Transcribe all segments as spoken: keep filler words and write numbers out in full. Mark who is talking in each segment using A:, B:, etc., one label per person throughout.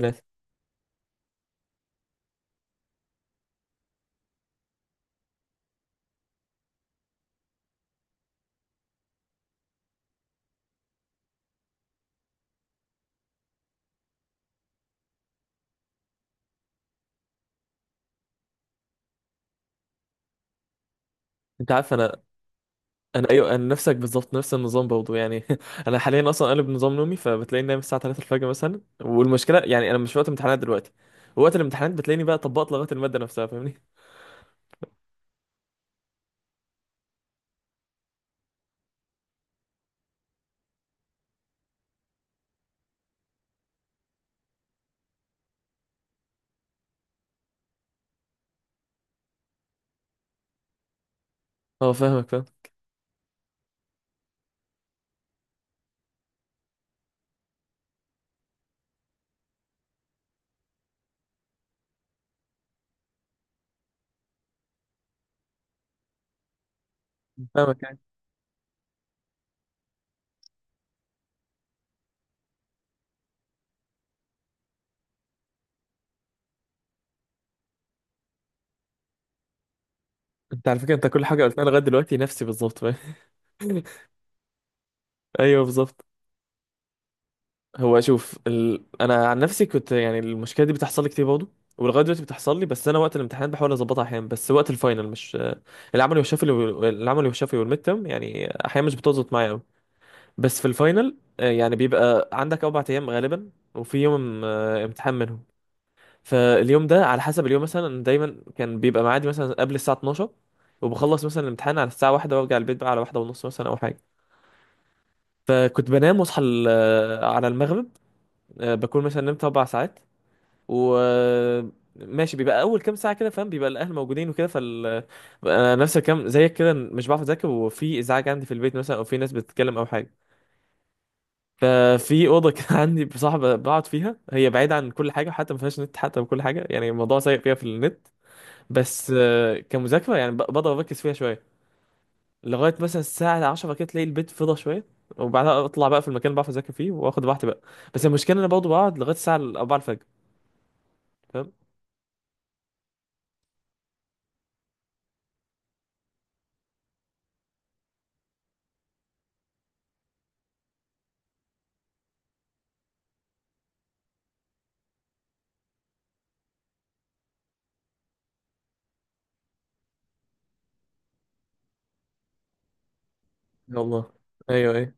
A: ثلاثة. انت عارف انا انا ايوه، انا نفسك بالظبط، نفس النظام برضه يعني. انا حاليا اصلا قلب نظام نومي، فبتلاقيني نايم الساعه ثلاثه الفجر مثلا، والمشكله يعني انا مش في وقت امتحانات دلوقتي. وقت الامتحانات بتلاقيني بقى طبقت لغايه الماده نفسها، فاهمني؟ اه، فاهمك، فاهم، فاهمك يعني. انت على فكره، انت كل حاجه قلتها لغايه دلوقتي نفسي بالظبط، فاهم؟ ايوه بالظبط. هو شوف ال... انا عن نفسي كنت يعني المشكله دي بتحصل لي كتير برضه، ولغايه دلوقتي بتحصل لي، بس انا وقت الامتحانات بحاول اظبطها احيانا. بس وقت الفاينل مش العملي والشفوي، العملي والشفوي والميد تيرم يعني احيانا مش بتظبط معايا. بس في الفاينل آه، يعني بيبقى عندك أربع أيام غالبا، وفي يوم آه، امتحان منهم. فاليوم ده على حسب اليوم، مثلا دايما كان بيبقى معادي مثلا قبل الساعة اثناعشر، وبخلص مثلا الامتحان على الساعة واحدة، وارجع البيت بقى على واحدة ونص مثلا أو حاجة. فكنت بنام واصحى ال- آه، على المغرب. آه، بكون مثلا نمت أربع ساعات و آه، ماشي، بيبقى أول كام ساعة كده، فاهم، بيبقى الأهل موجودين وكده، فال آه، أنا نفس الكلام زيك كده، مش بعرف أذاكر، وفي إزعاج عندي في البيت مثلا، أو في ناس بتتكلم أو حاجة. ففي اوضه كان عندي بصاحبه بقعد فيها، هي بعيده عن كل حاجه، حتى ما فيهاش نت حتى، وكل حاجه، يعني الموضوع سيء فيها في النت. بس آه، كمذاكره يعني ب- بقدر اركز فيها شويه لغايه مثلا الساعه عشره كده، تلاقي البيت فضى شويه، وبعدها اطلع بقى في المكان اللي بعرف اذاكر فيه واخد راحتي بقى. بس المشكله إن انا برضه بقعد لغايه الساعه اربعه الفجر، فاهم؟ يا الله، ايوه، ايوه،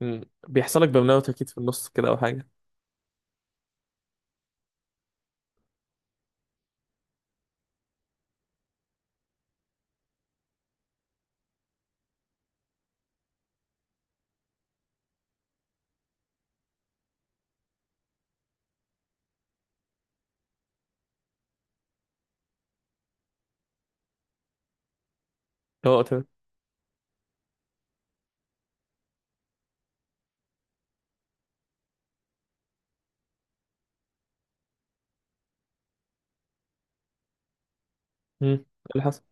A: مم. بيحصل لك برن اوت اكيد في النص كده او حاجه. اه، تمام. مم. إيه اللي حصل؟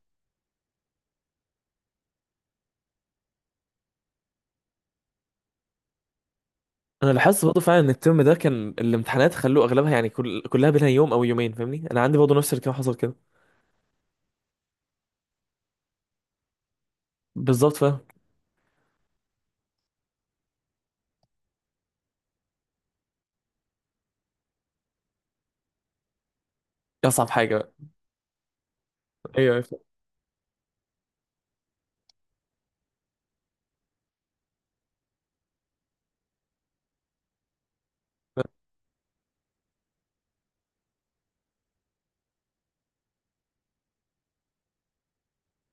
A: انا لاحظت برضه فعلا ان الترم ده كان الامتحانات خلوه اغلبها، يعني كل... كلها بينها يوم او يومين، فاهمني؟ انا عندي برضه نفس الكلام حصل كده. بالظبط، فاهم. اصعب حاجه بقى. ايوه، أيوة.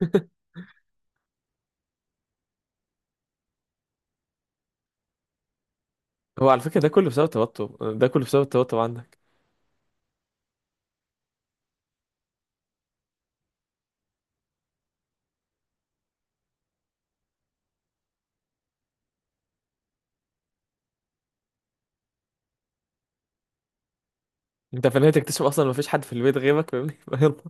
A: هو على فكره، ده كله بسبب التوتر، ده كله بسبب التوتر عندك. انت في النهايه تكتشف اصلا ما فيش حد في البيت غيرك، فاهمني؟ يلا.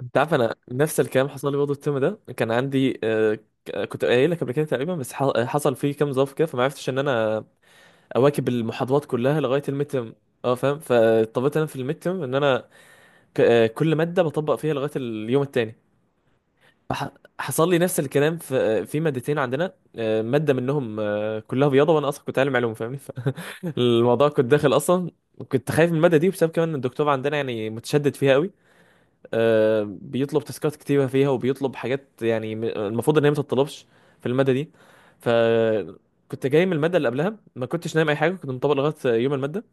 A: انت عارف انا نفس الكلام حصل لي برضه، الترم ده كان عندي آه، ك- كنت قايل لك قبل كده تقريبا، بس ح- حصل فيه كام ظرف كده، فما عرفتش ان انا اواكب المحاضرات كلها لغايه الميد ترم. اه، فاهم. فاضطريت انا في الميد ترم ان انا ك- آه، كل مادة بطبق فيها لغاية اليوم التاني. فح- حصل لي نفس الكلام في آه، في مادتين عندنا، آه، مادة منهم آه، كلها بياضة، وانا اصلا كنت عالم علوم فاهمني، فالموضوع كنت داخل اصلا، كنت خايف من المادة دي، بسبب كمان ان الدكتور عندنا يعني متشدد فيها قوي. آه، بيطلب تاسكات كتيرة فيها، وبيطلب حاجات يعني م- المفروض ان هي ما تتطلبش في المادة دي. فكنت جاي من المادة اللي قبلها، ما كنتش نايم اي حاجة، كنت مطبق لغاية يوم المادة.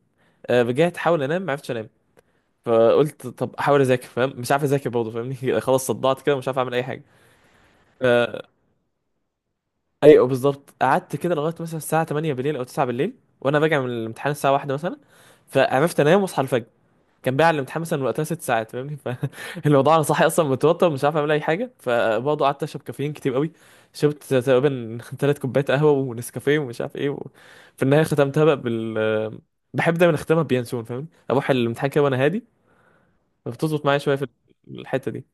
A: آه، رجعت احاول انام، ما عرفتش انام. فقلت طب احاول اذاكر، فاهم، مش عارف اذاكر برضه فاهمني، خلاص، صدعت كده، مش عارف اعمل اي حاجه. ف... ايوه بالظبط، قعدت كده لغايه مثلا الساعه ثمانيه بالليل او تسعه بالليل، وانا راجع من الامتحان الساعه واحده مثلا. فعرفت انام واصحى الفجر. كان بقى على الامتحان مثلا وقتها ست ساعات فاهمني، فالموضوع انا صاحي اصلا متوتر، مش عارف اعمل اي حاجه. فبرضه قعدت اشرب كافيين كتير قوي، شربت تقريبا ثلاث كوبايات قهوه ونسكافيه ومش عارف ايه و... في النهايه ختمتها بقى بال بحب دايما اختمها بيانسون، فاهمني؟ اروح الامتحان كده وانا هادي، فبتظبط معايا شويه في الحته دي.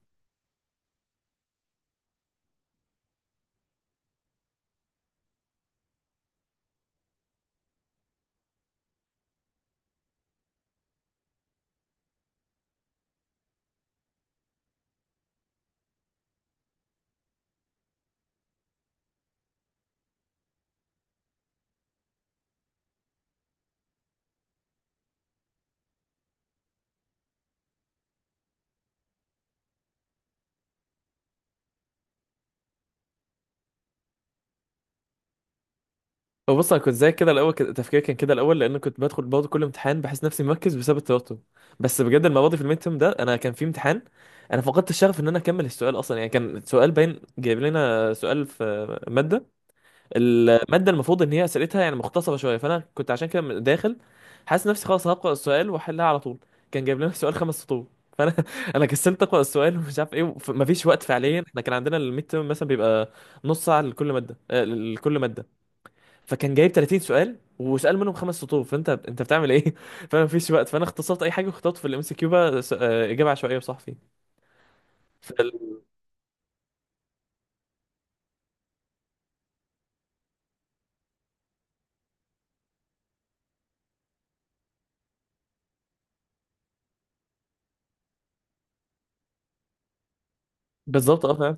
A: بص، انا كنت زي كده الاول، كده تفكيري كان كده الاول، لان كنت بدخل برضه كل امتحان بحس نفسي مركز بسبب التوتر. بس بجد المره دي في الميد تيرم ده، انا كان في امتحان، انا فقدت الشغف ان انا اكمل السؤال اصلا. يعني كان سؤال باين جايب لنا سؤال في ماده، الماده المفروض ان هي اسئلتها يعني مختصره شويه، فانا كنت عشان كده داخل حاسس نفسي خلاص هقرا السؤال واحلها على طول. كان جايب لنا سؤال خمس سطور. فانا انا كسلت اقرا السؤال، ومش عارف ايه، وف- مفيش وقت، فعليا احنا كان عندنا الميد تيرم مثلا بيبقى نص ساعه لكل ماده، آه، لكل ماده. فكان جايب تلاتين سؤال، وسأل منهم خمس سطور، فانت انت بتعمل ايه؟ فانا مفيش وقت، فانا اختصرت اي حاجه، واخترت في الام سي كيو بقى س- آه، اجابه عشوائيه وصحفي. فال- بالظبط، اه، فعلا.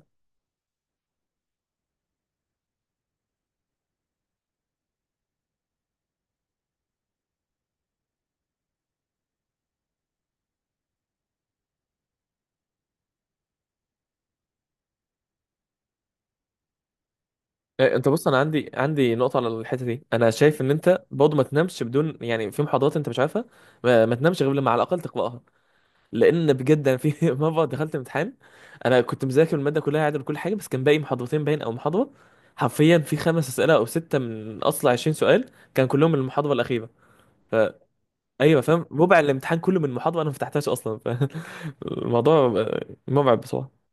A: آه، انت بص، انا عندي عندي نقطه على الحته دي. انا شايف ان انت برضه ما تنامش، بدون يعني في محاضرات انت مش عارفها ما, ما تنامش غير لما على الاقل تقراها. لان بجد انا في مره دخلت امتحان، انا كنت مذاكر الماده كلها عادل وكل حاجه، بس كان باقي محاضرتين باين او محاضره. حرفيا في خمس اسئله او سته من اصل عشرين سؤال كان كلهم من المحاضره الاخيره. ايوه، فاهم؟ ربع الامتحان كله من محاضره انا ما فتحتهاش اصلا، فالموضوع مرعب بصراحه.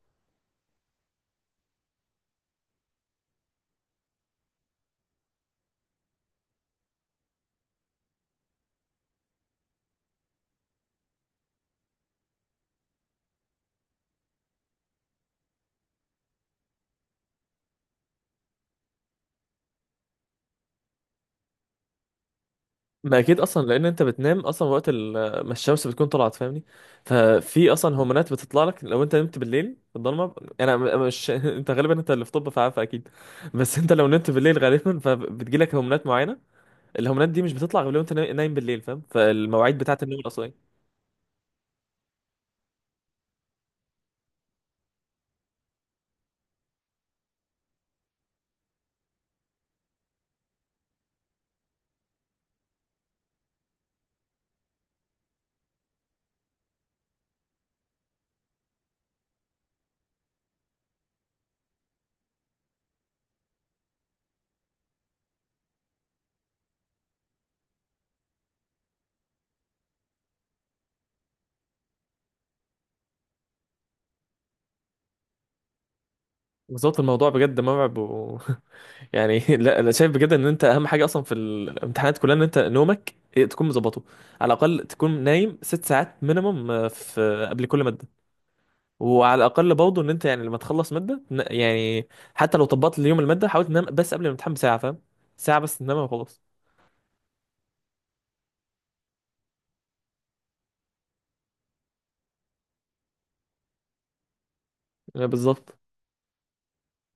A: ما اكيد اصلا، لان انت بتنام اصلا وقت ال- ما الشمس بتكون طلعت، فاهمني. ففي اصلا هرمونات بتطلع لك لو انت نمت بالليل في الضلمه، يعني انا م- مش انت غالبا انت اللي في طب فعارف اكيد. بس انت لو نمت بالليل غالبا فبتجي لك هرمونات معينه. الهرمونات دي مش بتطلع غير لو انت نا- نايم بالليل، فاهم؟ فالمواعيد بتاعت النوم الاصليه. بالظبط الموضوع بجد مرعب. يعني لا، انا شايف بجد ان انت اهم حاجه اصلا في الامتحانات كلها ان انت نومك إيه، تكون مظبطه. على الاقل تكون نايم ست ساعات مينيمم في آه، قبل كل ماده. وعلى الاقل برضه ان انت يعني لما تخلص ماده، ن- يعني حتى لو طبقت اليوم الماده، حاول تنام بس قبل الامتحان بساعه، فاهم، ساعه بس تنام وخلاص. يعني بالظبط.